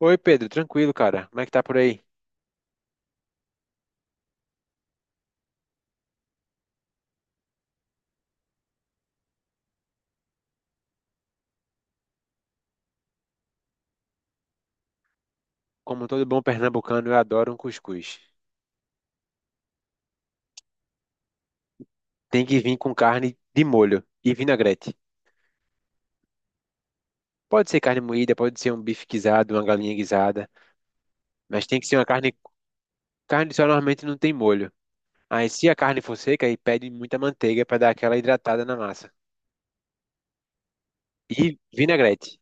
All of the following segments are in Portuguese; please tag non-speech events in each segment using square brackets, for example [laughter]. Oi, Pedro, tranquilo, cara. Como é que tá por aí? Como todo bom pernambucano, eu adoro um cuscuz. Tem que vir com carne de molho e vinagrete. Pode ser carne moída, pode ser um bife guisado, uma galinha guisada, mas tem que ser uma carne. Carne só normalmente não tem molho. Aí, se a carne for seca, aí pede muita manteiga pra dar aquela hidratada na massa. E vinagrete.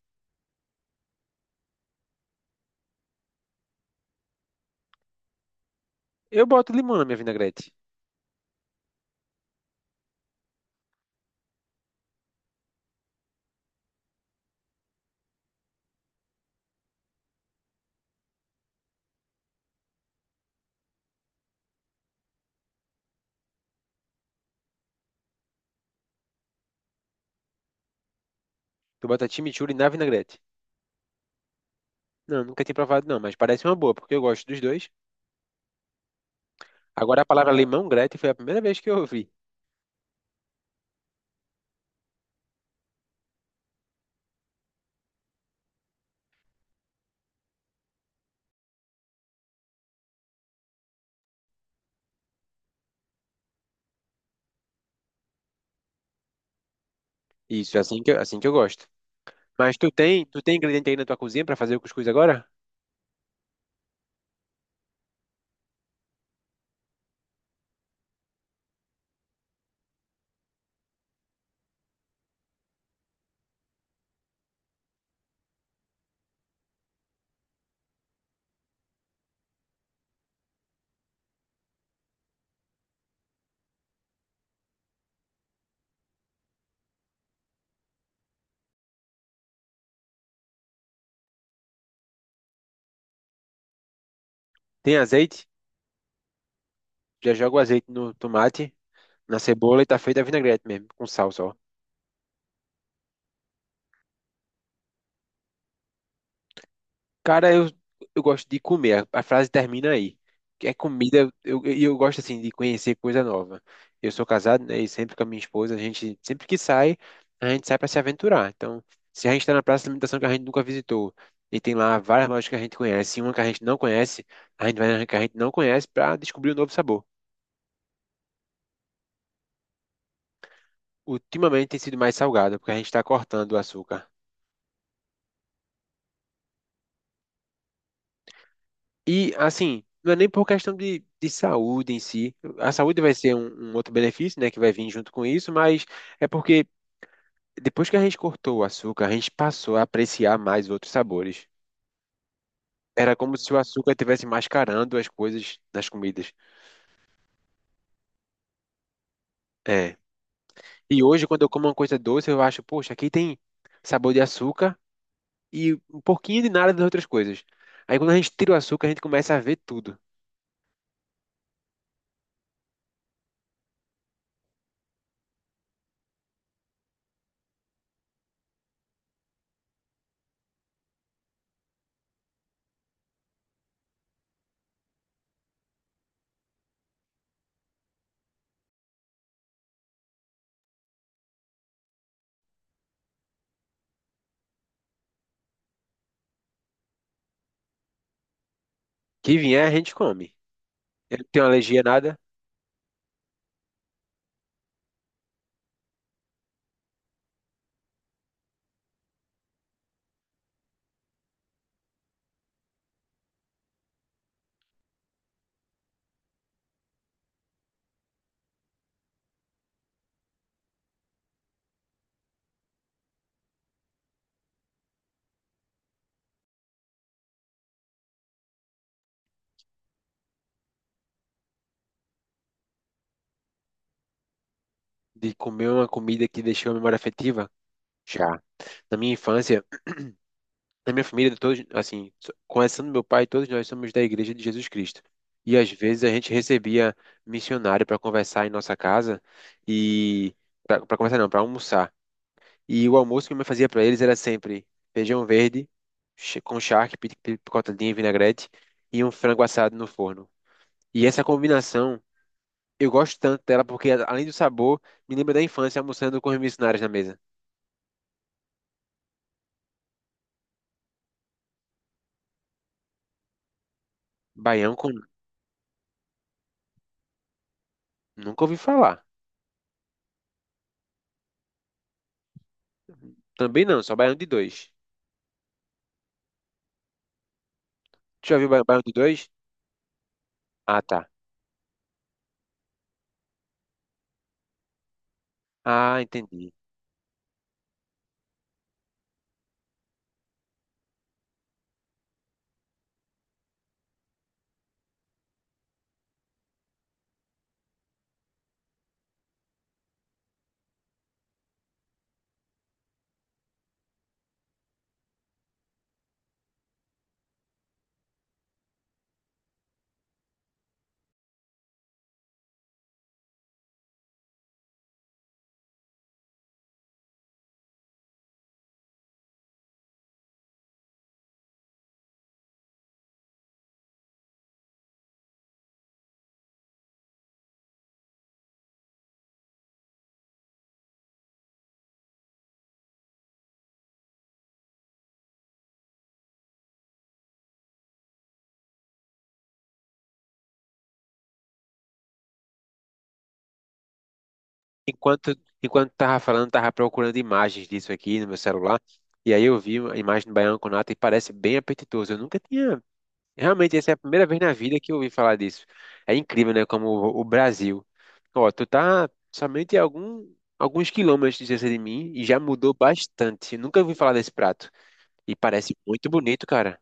Eu boto limão na minha vinagrete. Tu bota chimichurri na vinagrete. Não, nunca tinha provado não, mas parece uma boa, porque eu gosto dos dois. Agora a palavra limão-grete foi a primeira vez que eu ouvi. Isso, é assim que eu gosto. Mas tu tem ingrediente aí na tua cozinha para fazer o cuscuz agora? Tem azeite? Já joga o azeite no tomate, na cebola e tá feita a vinagrete mesmo, com sal só. Cara, eu gosto de comer. A frase termina aí. Que é comida, eu gosto assim de conhecer coisa nova. Eu sou casado, né, e sempre com a minha esposa, a gente sempre que sai, a gente sai para se aventurar. Então, se a gente tá na praça de alimentação que a gente nunca visitou e tem lá várias lojas que a gente conhece, e uma que a gente não conhece, a gente vai na que a gente não conhece para descobrir um novo sabor. Ultimamente tem sido mais salgada, porque a gente está cortando o açúcar. E, assim, não é nem por questão de saúde em si. A saúde vai ser um outro benefício, né, que vai vir junto com isso, mas é porque depois que a gente cortou o açúcar, a gente passou a apreciar mais outros sabores. Era como se o açúcar estivesse mascarando as coisas nas comidas. É. E hoje, quando eu como uma coisa doce, eu acho, poxa, aqui tem sabor de açúcar e um pouquinho de nada das outras coisas. Aí, quando a gente tira o açúcar, a gente começa a ver tudo. Que vier, a gente come. Eu não tenho alergia a nada de comer uma comida que deixou a memória afetiva. Já. Na minha infância, na minha família, todos, assim, começando meu pai, todos nós somos da Igreja de Jesus Cristo. E às vezes a gente recebia missionário para conversar em nossa casa e para conversar não, para almoçar. E o almoço que eu me fazia para eles era sempre feijão verde com charque, picotadinha e vinagrete e um frango assado no forno. E essa combinação eu gosto tanto dela porque, além do sabor, me lembra da infância almoçando com os missionários na mesa. Baião com. Nunca ouvi falar. Também não, só baião de dois. Tu já viu baião de dois? Ah, tá. Ah, entendi. Enquanto, enquanto tava falando, tava procurando imagens disso aqui no meu celular. E aí eu vi a imagem do baião com nata e parece bem apetitoso. Eu nunca tinha realmente, essa é a primeira vez na vida que eu ouvi falar disso. É incrível, né? Como o Brasil. Ó, tu tá alguns quilômetros de distância de mim e já mudou bastante. Nunca ouvi falar desse prato. E parece muito bonito, cara.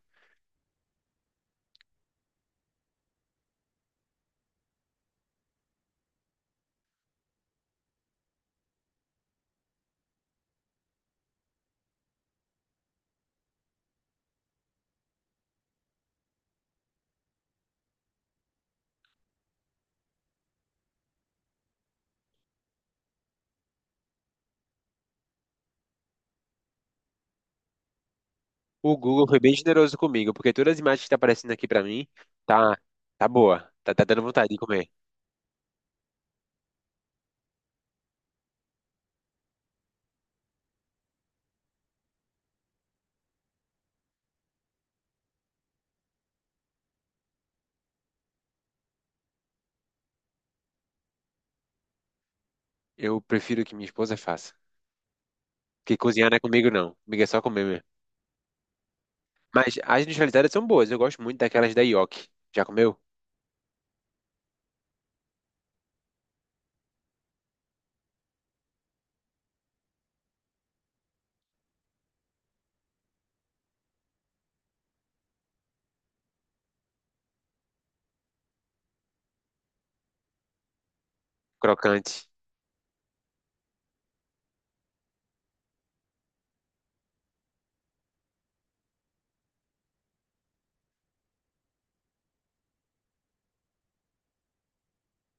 O Google foi bem generoso comigo, porque todas as imagens que tá aparecendo aqui pra mim, tá, tá boa. Tá dando vontade de comer. Eu prefiro que minha esposa faça. Porque cozinhar não é comigo, não. Comigo é só comer mesmo. Mas as industrializadas são boas. Eu gosto muito daquelas da Yoki. Já comeu? Crocante.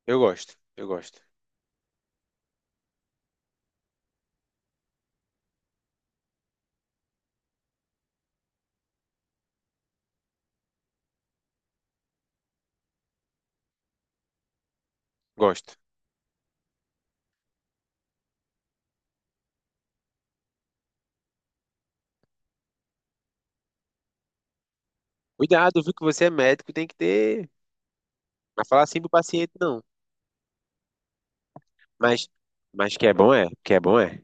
Eu gosto. Gosto. Cuidado, viu que você é médico, tem que ter. Mas falar assim pro paciente, não. Mas, mas que é que é, bom é.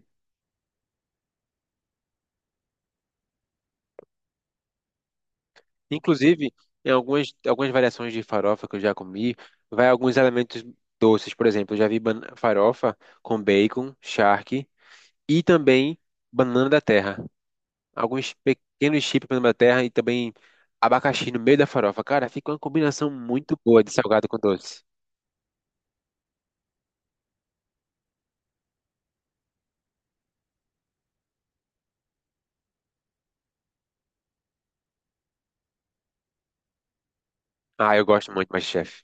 Inclusive, em algumas variações de farofa que eu já comi, vai alguns elementos doces, por exemplo, eu já vi farofa com bacon, charque e também banana da terra. Alguns pequenos chips de banana da terra e também abacaxi no meio da farofa. Cara, fica uma combinação muito boa de salgado com doce. Ah, eu gosto muito, mas chefe.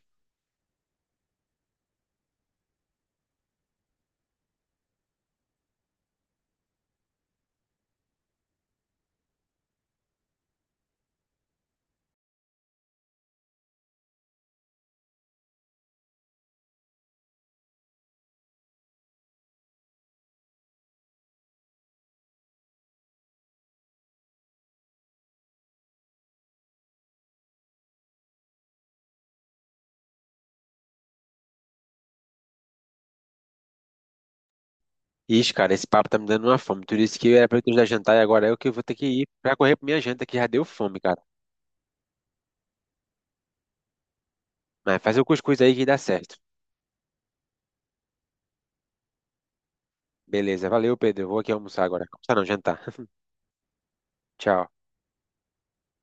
Ixi, cara, esse papo tá me dando uma fome. Tu disse que era pra eu te dar jantar e agora eu que vou ter que ir pra correr pra minha janta que já deu fome, cara. Mas faz o cuscuz aí que dá certo. Beleza, valeu, Pedro. Eu vou aqui almoçar agora. Almoçar não, jantar. [laughs] Tchau.